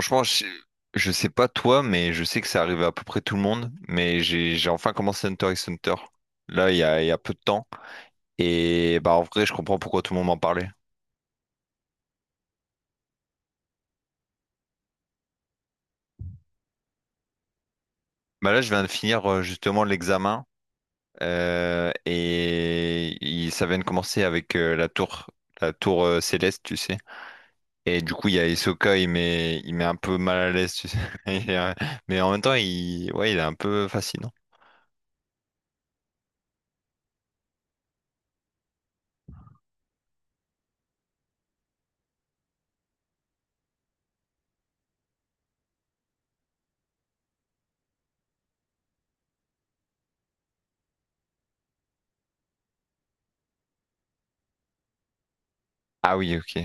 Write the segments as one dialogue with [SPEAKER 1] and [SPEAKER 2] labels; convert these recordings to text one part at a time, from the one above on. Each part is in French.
[SPEAKER 1] Franchement, je sais pas toi, mais je sais que ça arrive à peu près tout le monde. Mais j'ai enfin commencé Hunter x Hunter. Là, il y a peu de temps. Et bah en vrai, je comprends pourquoi tout le monde m'en parlait. Bah là, je viens de finir justement l'examen. Ça vient de commencer avec la tour céleste, tu sais. Et du coup, il y a Hisoka, il met un peu mal à l'aise, tu sais. Et, euh, mais en même temps, ouais, il est un peu fascinant. Ah oui, ok.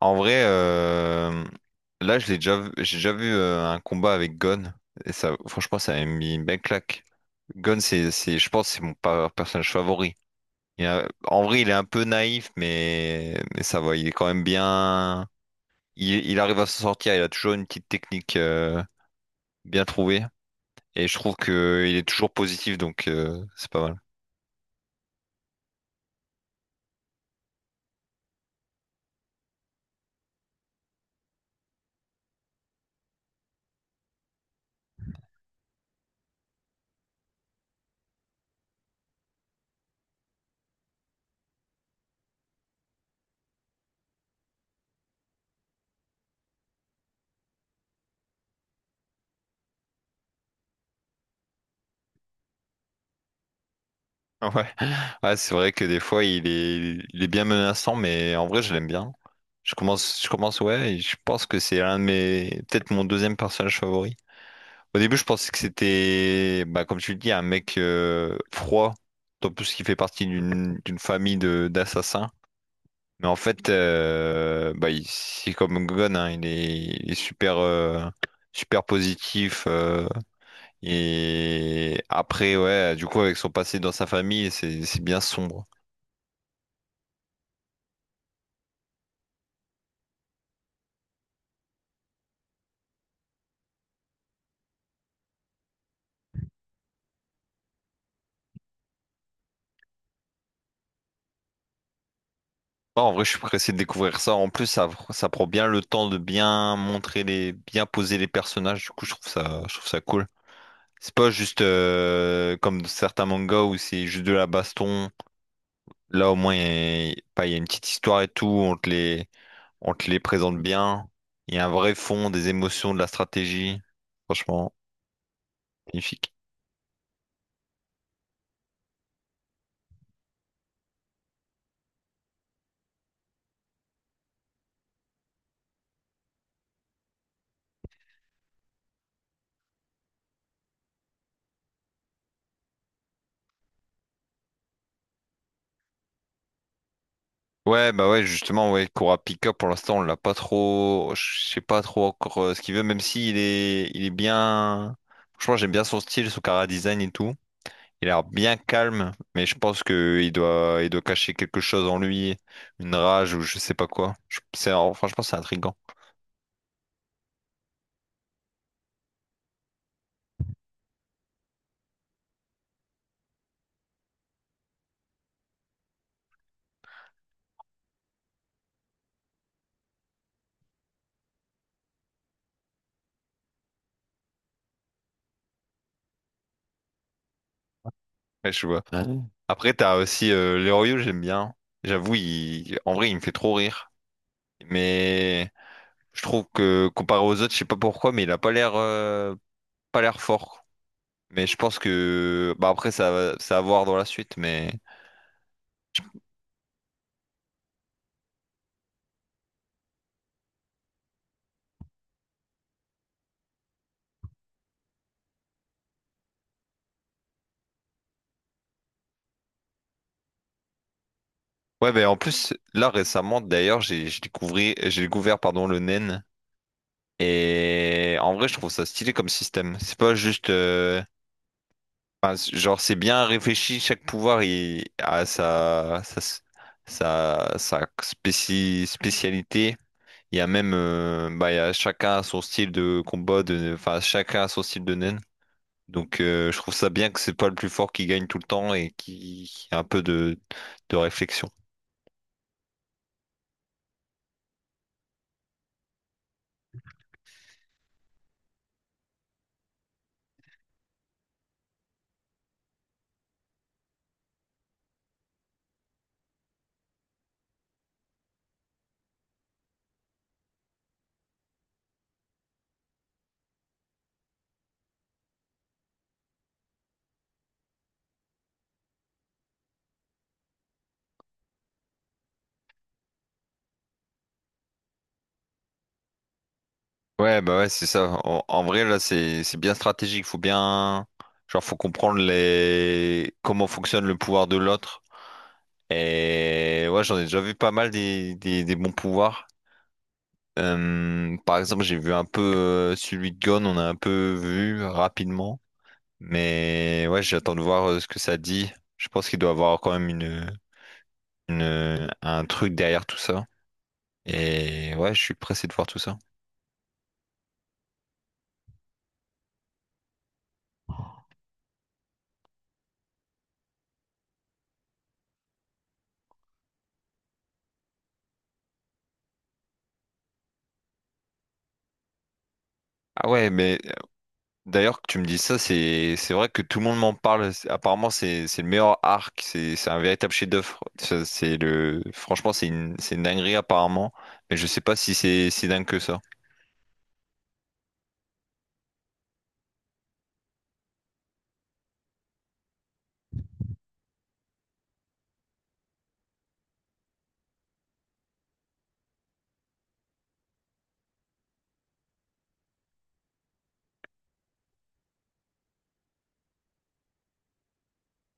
[SPEAKER 1] En vrai, là, je l'ai déjà, vu- j'ai déjà vu un combat avec Gon. Et ça, franchement, ça m'a mis une belle claque. Gon, je pense, que c'est mon personnage favori. En vrai, il est un peu naïf, mais ça va. Il est quand même bien. Il arrive à s'en sortir. Il a toujours une petite technique bien trouvée. Et je trouve que il est toujours positif, donc c'est pas mal. Ouais, ouais, c'est vrai que des fois il est bien menaçant, mais en vrai je l'aime bien. Je commence, ouais, et je pense que c'est l'un de mes, peut-être mon deuxième personnage favori. Au début, je pensais que c'était, bah, comme tu le dis, un mec froid, en plus qui fait partie d'une famille de d'assassins. Mais en fait, bah, c'est comme Gon, hein, il est super, super positif. Et après, ouais, du coup, avec son passé dans sa famille, c'est bien sombre. Non, en vrai, je suis pressé de découvrir ça. En plus, ça prend bien le temps de bien montrer bien poser les personnages. Du coup, je trouve ça cool. C'est pas juste comme certains mangas où c'est juste de la baston. Là, au moins, il y a, pas- il y a une petite histoire et tout. On te les présente bien. Il y a un vrai fond, des émotions, de la stratégie. Franchement, magnifique. Ouais, bah ouais, justement, ouais, Kurapika, pour l'instant, on l'a pas trop, je sais pas trop encore ce qu'il veut, même si il est bien, franchement, j'aime bien son style, son cara design et tout. Il a l'air bien calme, mais je pense que il doit cacher quelque chose en lui, une rage ou je sais pas quoi. C'est, franchement, c'est intriguant. Ouais, je vois. Ouais. Après, t'as aussi Leroyou, j'aime bien. J'avoue, en vrai, il me fait trop rire. Mais je trouve que comparé aux autres, je sais pas pourquoi, mais il a pas l'air, pas l'air fort. Mais je pense que bah après ça à voir dans la suite mais ouais mais en plus là récemment d'ailleurs j'ai découvert pardon le nen et en vrai je trouve ça stylé comme système, c'est pas juste enfin, genre c'est bien réfléchi, chaque pouvoir il a sa spécialité. Il y a même bah il y a chacun son style de combat de enfin chacun son style de nen. Donc je trouve ça bien que c'est pas le plus fort qui gagne tout le temps et qui a un peu de réflexion. Ouais, bah ouais, c'est ça. En vrai, là, c'est bien stratégique. Faut comprendre les comment fonctionne le pouvoir de l'autre. Et ouais, j'en ai déjà vu pas mal des bons pouvoirs. Par exemple, j'ai vu un peu celui de Gon, on a un peu vu rapidement. Mais ouais, j'attends de voir ce que ça dit. Je pense qu'il doit avoir quand même une un truc derrière tout ça. Et ouais, je suis pressé de voir tout ça. Ah ouais, mais d'ailleurs que tu me dis ça, c'est vrai que tout le monde m'en parle. Apparemment, c'est le meilleur arc. C'est un véritable chef-d'œuvre. C'est le franchement, c'est une dinguerie apparemment. Mais je sais pas si c'est si dingue que ça.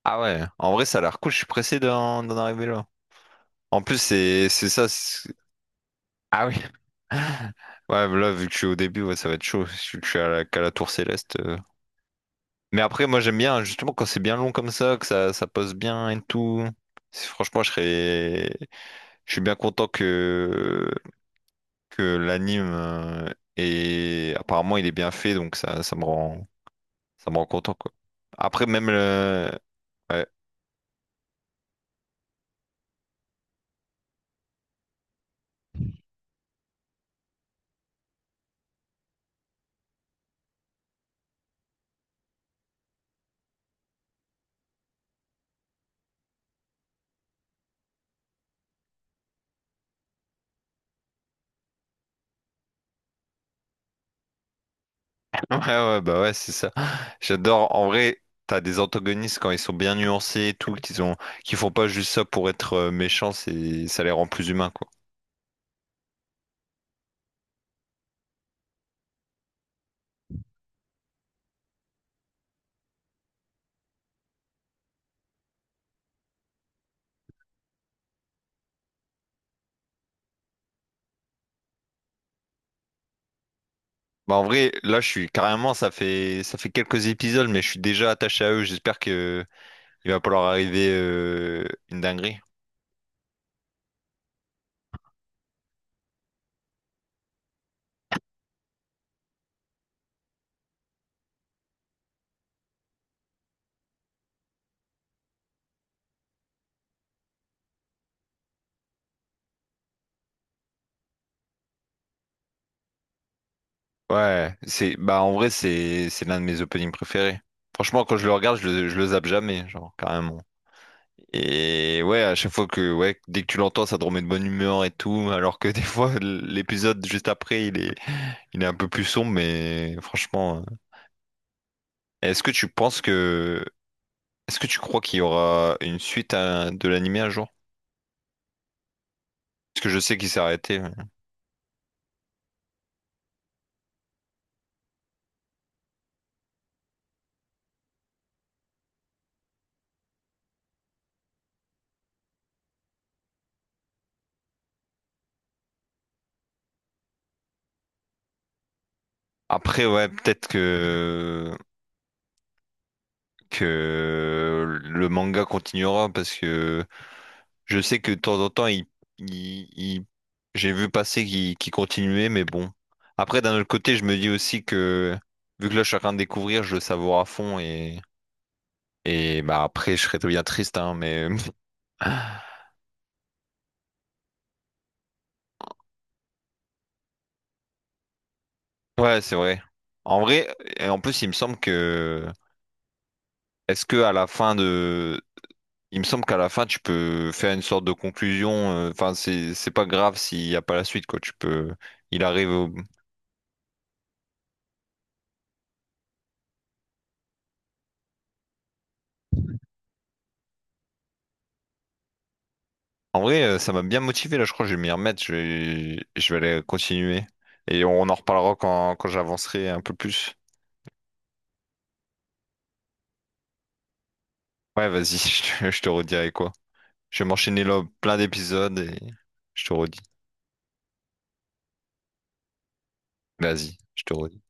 [SPEAKER 1] Ah ouais, en vrai, ça a l'air cool. Je suis pressé d'en arriver là. En plus, Ah oui. Ouais, là, vu que je suis au début, ouais, ça va être chaud. Je suis qu'à la tour céleste. Mais après, moi j'aime bien justement quand c'est bien long comme ça, que ça pose bien et tout. C'est- Franchement, je serais... je suis bien content que l'anime apparemment il est bien fait, donc ça me rend content quoi. Après même le... Ouais, ouais, bah ouais, c'est ça. J'adore. En vrai, t'as des antagonistes quand ils sont bien nuancés et tout, qu'ils ont... qu'ils font pas juste ça pour être méchants, c'est... ça les rend plus humains quoi. Bah en vrai, là, je suis carrément, ça fait quelques épisodes, mais je suis déjà attaché à eux. J'espère que il va pas leur arriver une dinguerie. Ouais, c'est bah en vrai, c'est l'un de mes openings préférés. Franchement, quand je le regarde, je le zappe jamais, genre carrément. Et ouais, à chaque fois que ouais, dès que tu l'entends, ça te remet de bonne humeur et tout, alors que des fois l'épisode juste après, il est un peu plus sombre, mais franchement, Est-ce que tu penses que est-ce que tu crois qu'il y aura une suite de l'animé un jour? Parce que je sais qu'il s'est arrêté. Après, ouais, peut-être que le manga continuera parce que je sais que de temps en temps, il- il- j'ai vu passer qu'il continuait, mais bon. Après, d'un autre côté, je me dis aussi que vu que là, je suis en train de découvrir, je le savoure à fond et bah après, je serais très bien triste, hein, mais ouais, c'est vrai. En vrai, et en plus, il me semble que est-ce que à la fin de il me semble qu'à la fin, tu peux faire une sorte de conclusion. Enfin, c'est pas grave s'il n'y a pas la suite, quoi. Tu peux. Il arrive au- En vrai, ça m'a bien motivé, là. Je crois que je vais m'y remettre. Je vais aller continuer. Et on en reparlera quand j'avancerai un peu plus. Ouais, vas-y, je te redirai quoi. Je vais m'enchaîner là plein d'épisodes et je te redis. Vas-y, je te redis.